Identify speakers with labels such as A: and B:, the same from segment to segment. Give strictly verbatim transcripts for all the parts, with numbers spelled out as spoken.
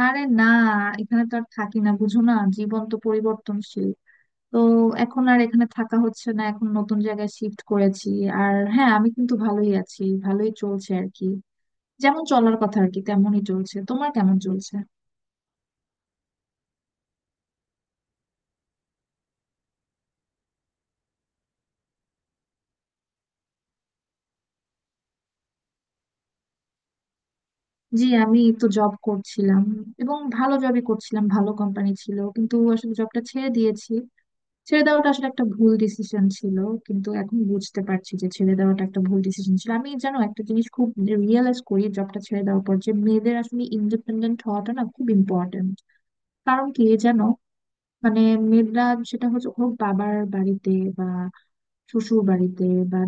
A: আরে না। এখানে তো আর থাকি না, বুঝো না, জীবন তো পরিবর্তনশীল। তো এখন আর এখানে থাকা হচ্ছে না, এখন নতুন জায়গায় শিফট করেছি। আর হ্যাঁ, আমি কিন্তু ভালোই আছি, ভালোই চলছে আর কি। যেমন চলার কথা আর কি তেমনই চলছে। তোমার কেমন চলছে? জি, আমি তো জব করছিলাম এবং ভালো জবই করছিলাম, ভালো কোম্পানি ছিল, কিন্তু আসলে জবটা ছেড়ে দিয়েছি। ছেড়ে দেওয়াটা আসলে একটা ভুল ডিসিশন ছিল, কিন্তু এখন বুঝতে পারছি যে ছেড়ে দেওয়াটা একটা ভুল ডিসিশন ছিল। আমি জানো একটা জিনিস খুব রিয়েলাইজ করি জবটা ছেড়ে দেওয়ার পর, যে মেয়েদের আসলে ইন্ডিপেন্ডেন্ট হওয়াটা না খুব ইম্পর্টেন্ট। কারণ কি জানো, মানে মেয়েরা, সেটা হচ্ছে, হোক বাবার বাড়িতে বা শ্বশুর বাড়িতে বা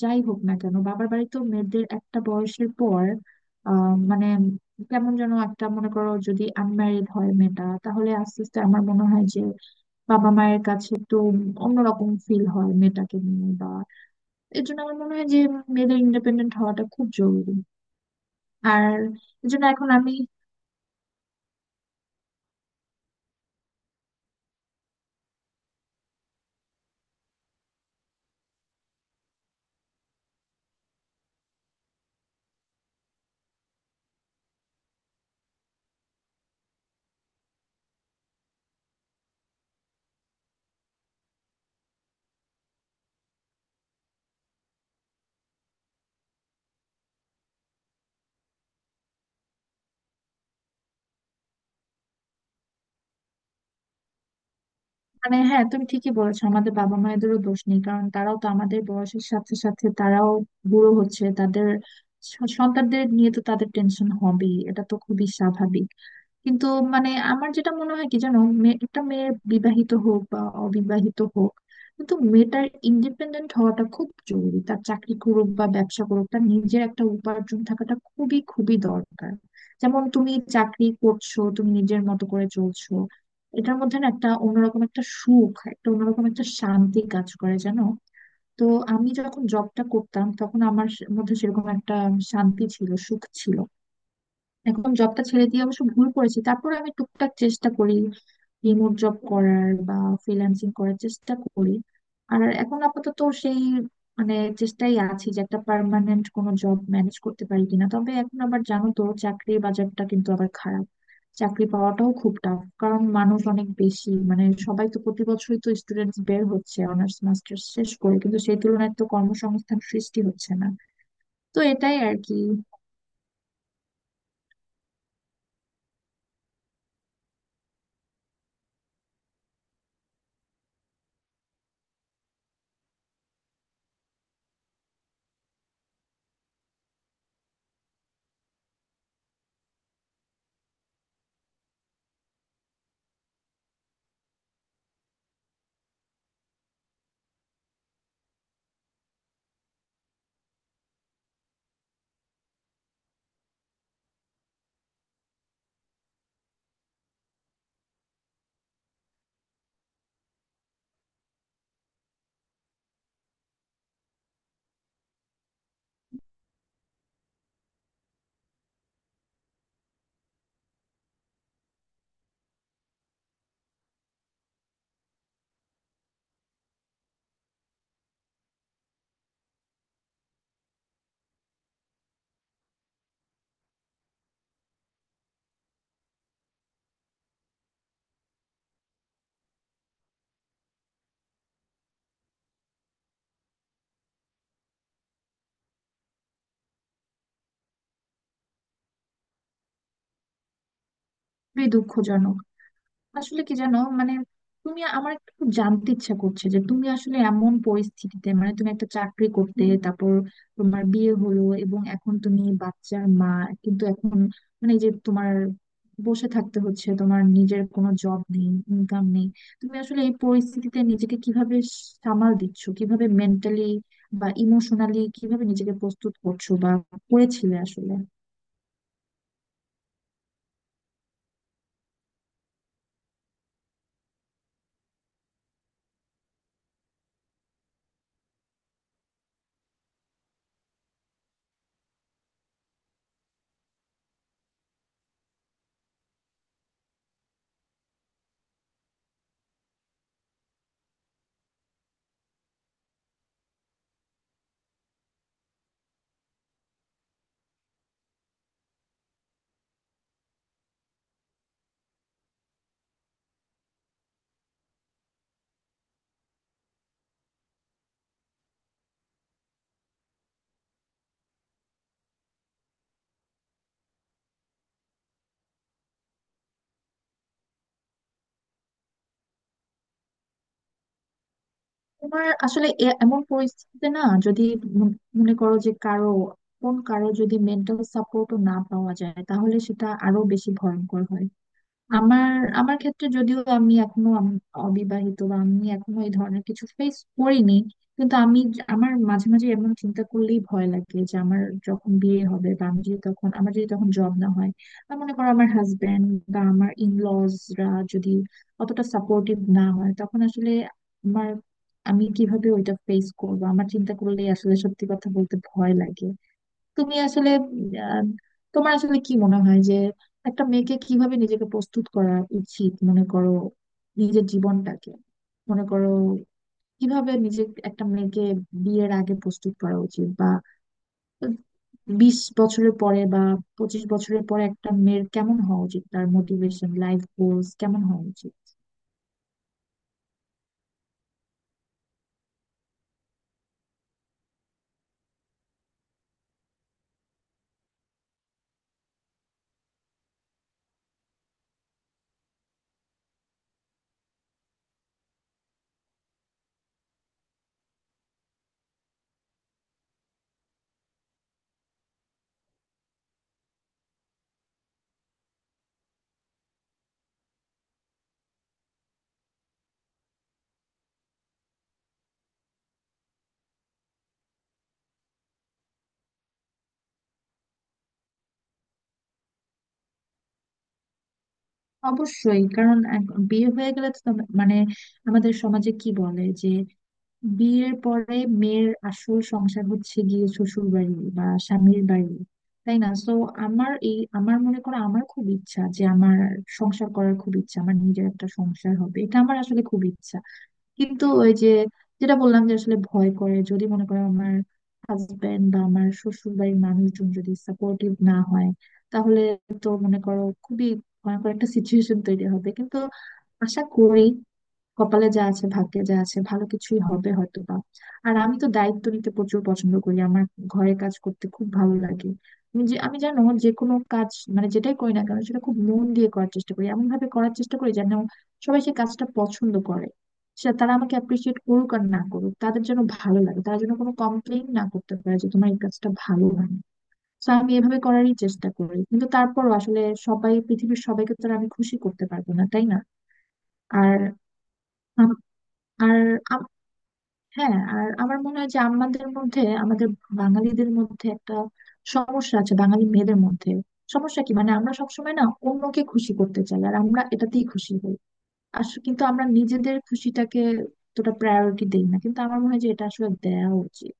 A: যাই হোক না কেন, বাবার বাড়িতেও মেয়েদের একটা বয়সের পর আহ মানে কেমন যেন একটা, মনে করো যদি আনম্যারিড হয় মেয়েটা, তাহলে আস্তে আস্তে আমার মনে হয় যে বাবা মায়ের কাছে একটু অন্যরকম ফিল হয় মেয়েটাকে নিয়ে। বা এর জন্য আমার মনে হয় যে মেয়েদের ইন্ডিপেন্ডেন্ট হওয়াটা খুব জরুরি। আর এর জন্য এখন আমি... মানে হ্যাঁ, তুমি ঠিকই বলেছো, আমাদের বাবা মায়েদেরও দোষ নেই। কারণ তারাও তো আমাদের বয়সের সাথে সাথে তারাও বুড়ো হচ্ছে, তাদের স- সন্তানদের নিয়ে তো তাদের টেনশন হবেই, এটা তো খুবই স্বাভাবিক। কিন্তু মানে আমার যেটা মনে হয় কি জানো, মেয়ে- একটা মেয়ে বিবাহিত হোক বা অবিবাহিত হোক, কিন্তু মেয়েটার ইন্ডিপেন্ডেন্ট হওয়াটা খুব জরুরি। তার চাকরি করুক বা ব্যবসা করুক, তার নিজের একটা উপার্জন থাকাটা খুবই খুবই দরকার। যেমন তুমি চাকরি করছো, তুমি নিজের মতো করে চলছো, এটার মধ্যে না একটা অন্যরকম একটা সুখ, একটা অন্যরকম একটা শান্তি কাজ করে জানো। তো আমি যখন জবটা করতাম তখন আমার মধ্যে সেরকম একটা শান্তি ছিল, সুখ ছিল। এখন জবটা ছেড়ে দিয়ে অবশ্য ভুল করেছি। তারপর আমি টুকটাক চেষ্টা করি রিমোট জব করার বা ফ্রিল্যান্সিং করার চেষ্টা করি। আর এখন আপাতত সেই মানে চেষ্টাই আছি যে একটা পার্মানেন্ট কোনো জব ম্যানেজ করতে পারি কিনা। তবে এখন আবার জানো তো চাকরির বাজারটা কিন্তু আবার খারাপ, চাকরি পাওয়াটাও খুব টাফ। কারণ মানুষ অনেক বেশি, মানে সবাই তো প্রতি বছরই তো স্টুডেন্টস বের হচ্ছে অনার্স মাস্টার্স শেষ করে, কিন্তু সেই তুলনায় তো কর্মসংস্থান সৃষ্টি হচ্ছে না। তো এটাই আর কি। খুবই দুঃখজনক। আসলে কি জানো মানে, তুমি, আমার একটু জানতে ইচ্ছা করছে যে তুমি আসলে এমন পরিস্থিতিতে, মানে তুমি একটা চাকরি করতে, তারপর তোমার বিয়ে হলো এবং এখন তুমি বাচ্চার মা, কিন্তু এখন মানে এই যে তোমার বসে থাকতে হচ্ছে, তোমার নিজের কোনো জব নেই, ইনকাম নেই, তুমি আসলে এই পরিস্থিতিতে নিজেকে কিভাবে সামাল দিচ্ছ, কিভাবে মেন্টালি বা ইমোশনালি কিভাবে নিজেকে প্রস্তুত করছো বা করেছিলে আসলে? তোমার আসলে এ- এমন পরিস্থিতিতে না, যদি মন- মনে করো যে কারো, কোন কারো যদি মেন্টাল সাপোর্টও না পাওয়া যায়, তাহলে সেটা আরো বেশি ভয়ঙ্কর হয়। আমার, আমার ক্ষেত্রে যদিও আমি এখনো আম- অবিবাহিত বা আমি এখনো এই ধরনের কিছু ফেস করিনি, কিন্তু আমি য- আমার মাঝে মাঝে এমন চিন্তা করলেই ভয় লাগে যে আমার যখন বিয়ে হবে, বা আমি যদি তখন, আমার যদি তখন জব না হয়, বা মনে করো আমার হাজবেন্ড বা আমার ইনলজরা যদি অতটা সাপোর্টিভ না হয়, তখন আসলে আমার, আমি কিভাবে ওইটা ফেস করবো, আমার চিন্তা করলেই আসলে সত্যি কথা বলতে ভয় লাগে। তুমি আসলে আহ, তোমার আসলে কি মনে হয় যে একটা মেয়েকে কিভাবে নিজেকে প্রস্তুত করা উচিত, মনে করো নিজের জীবনটাকে, মনে করো কিভাবে নিজে, একটা মেয়েকে বিয়ের আগে প্রস্তুত করা উচিত, বা বিশ বছরের পরে বা পঁচিশ বছরের পরে একটা মেয়ের কেমন হওয়া উচিত, তার মোটিভেশন, লাইফ গোলস কেমন হওয়া উচিত? অবশ্যই। কারণ এক- বিয়ে হয়ে গেলে তো তোমার- মানে আমাদের সমাজে কি বলে যে বিয়ের পরে মেয়ের আসল সংসার হচ্ছে গিয়ে শ্বশুর বাড়ি বা স্বামীর বাড়ি, তাই না তো? আমার এই, আমার মনে করো, আমার খুব ইচ্ছা যে আমার সংসার করার খুব ইচ্ছা, আমার নিজের একটা সংসার হবে, এটা আমার আসলে খুব ইচ্ছা। কিন্তু ওই যে যেটা বললাম যে আসলে ভয় করে, যদি মনে করো আমার হাজবেন্ড বা আমার শ্বশুর বাড়ির মানুষজন যদি সাপোর্টিভ না হয়, তাহলে তো মনে করো খুবই ভয়ঙ্কর একটা সিচুয়েশন তৈরি হবে। কিন্তু আশা করি, কপালে যা আছে, ভাগ্যে যা আছে, ভালো কিছুই হবে হয়তো বা। আর আমি তো দায়িত্ব নিতে প্রচুর পছন্দ করি, আমার ঘরে কাজ করতে খুব ভালো লাগে। আমি যে, আমি জানো, যে কোনো কাজ মানে যেটাই করি না কেন সেটা খুব মন দিয়ে করার চেষ্টা করি, এমন ভাবে করার চেষ্টা করি যেন সবাই সেই কাজটা পছন্দ করে, সেটা তারা আমাকে অ্যাপ্রিসিয়েট করুক আর না করুক, তাদের যেন ভালো লাগে, তারা যেন কোনো কমপ্লেন না করতে পারে যে তোমার এই কাজটা ভালো হয়নি। তো আমি এভাবে করারই চেষ্টা করি, কিন্তু তারপরও আসলে সবাই, পৃথিবীর সবাইকে তো আর আমি খুশি করতে পারবো না, তাই না? আর আম- আর হ্যাঁ, আর আমার মনে হয় যে আমাদের মধ্যে, আমাদের বাঙালিদের মধ্যে একটা সমস্যা আছে, বাঙালি মেয়েদের মধ্যে। সমস্যা কি, মানে আমরা সবসময় না অন্যকে খুশি করতে চাই, আর আমরা এটাতেই খুশি হই। আসলে কিন্তু আমরা নিজেদের খুশিটাকে তোটা প্রায়োরিটি দেই না, কিন্তু আমার মনে হয় যে এটা আসলে দেওয়া উচিত।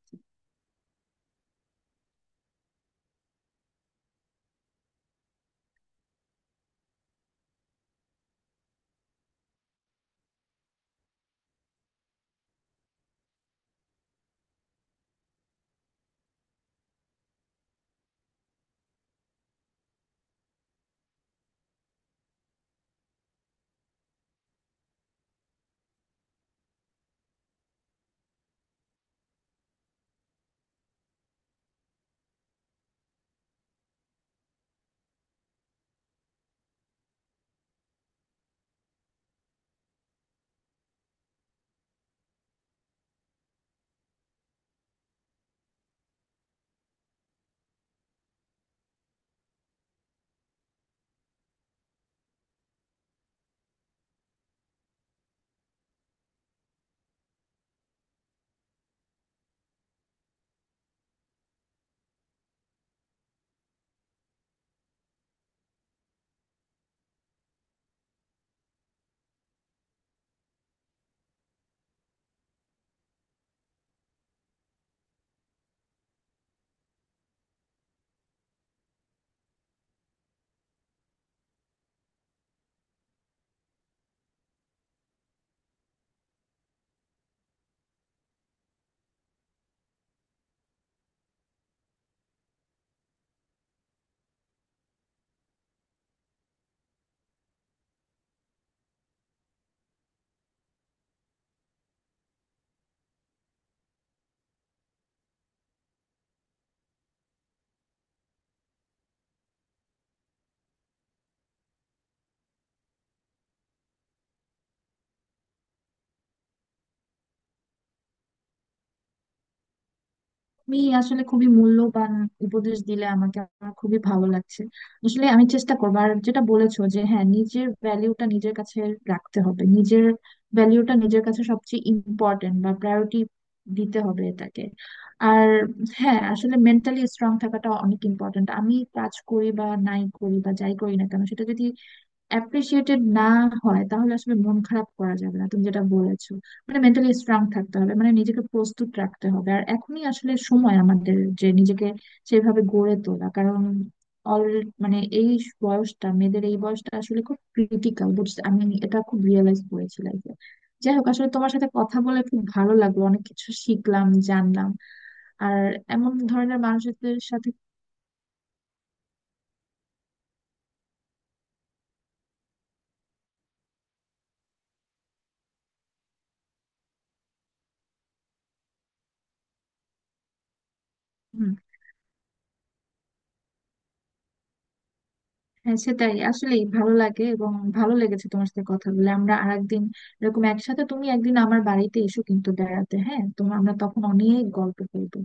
A: তুমি আসলে খুবই মূল্যবান উপদেশ দিলে আমাকে, আমার খুবই ভালো লাগছে। আসলে আমি চেষ্টা করবো। আর যেটা বলেছো যে হ্যাঁ, নিজের ভ্যালিউটা নিজের কাছে রাখতে হবে, নিজের ভ্যালিউটা নিজের কাছে সবচেয়ে ইম্পর্টেন্ট, বা প্রায়োরিটি দিতে হবে এটাকে। আর হ্যাঁ, আসলে মেন্টালি স্ট্রং থাকাটা অনেক ইম্পর্টেন্ট। আমি কাজ করি বা নাই করি বা যাই করি না কেন, সেটা যদি অ্যাপ্রিসিয়েটেড না হয়, তাহলে আসলে মন খারাপ করা যাবে না, তুমি যেটা বলেছো মানে মেন্টালি স্ট্রং থাকতে হবে, মানে নিজেকে প্রস্তুত রাখতে হবে। আর এখনই আসলে সময় আমাদের যে নিজেকে সেভাবে গড়ে তোলা। কারণ অল মানে এই বয়সটা, মেয়েদের এই বয়সটা আসলে খুব ক্রিটিক্যাল, বুঝতে, আমি এটা খুব রিয়েলাইজ করেছি লাইফে। যাই হোক, আসলে তোমার সাথে কথা বলে খুব ভালো লাগলো, অনেক কিছু শিখলাম, জানলাম। আর এমন ধরনের মানুষদের সাথে... হুম, হ্যাঁ, সেটাই আসলে ভালো লাগে। এবং ভালো লেগেছে তোমার সাথে কথা বলে। আমরা আরেকদিন এরকম একসাথে, তুমি একদিন আমার বাড়িতে এসো কিন্তু বেড়াতে, হ্যাঁ তোমার, আমরা তখন অনেক গল্প করবো।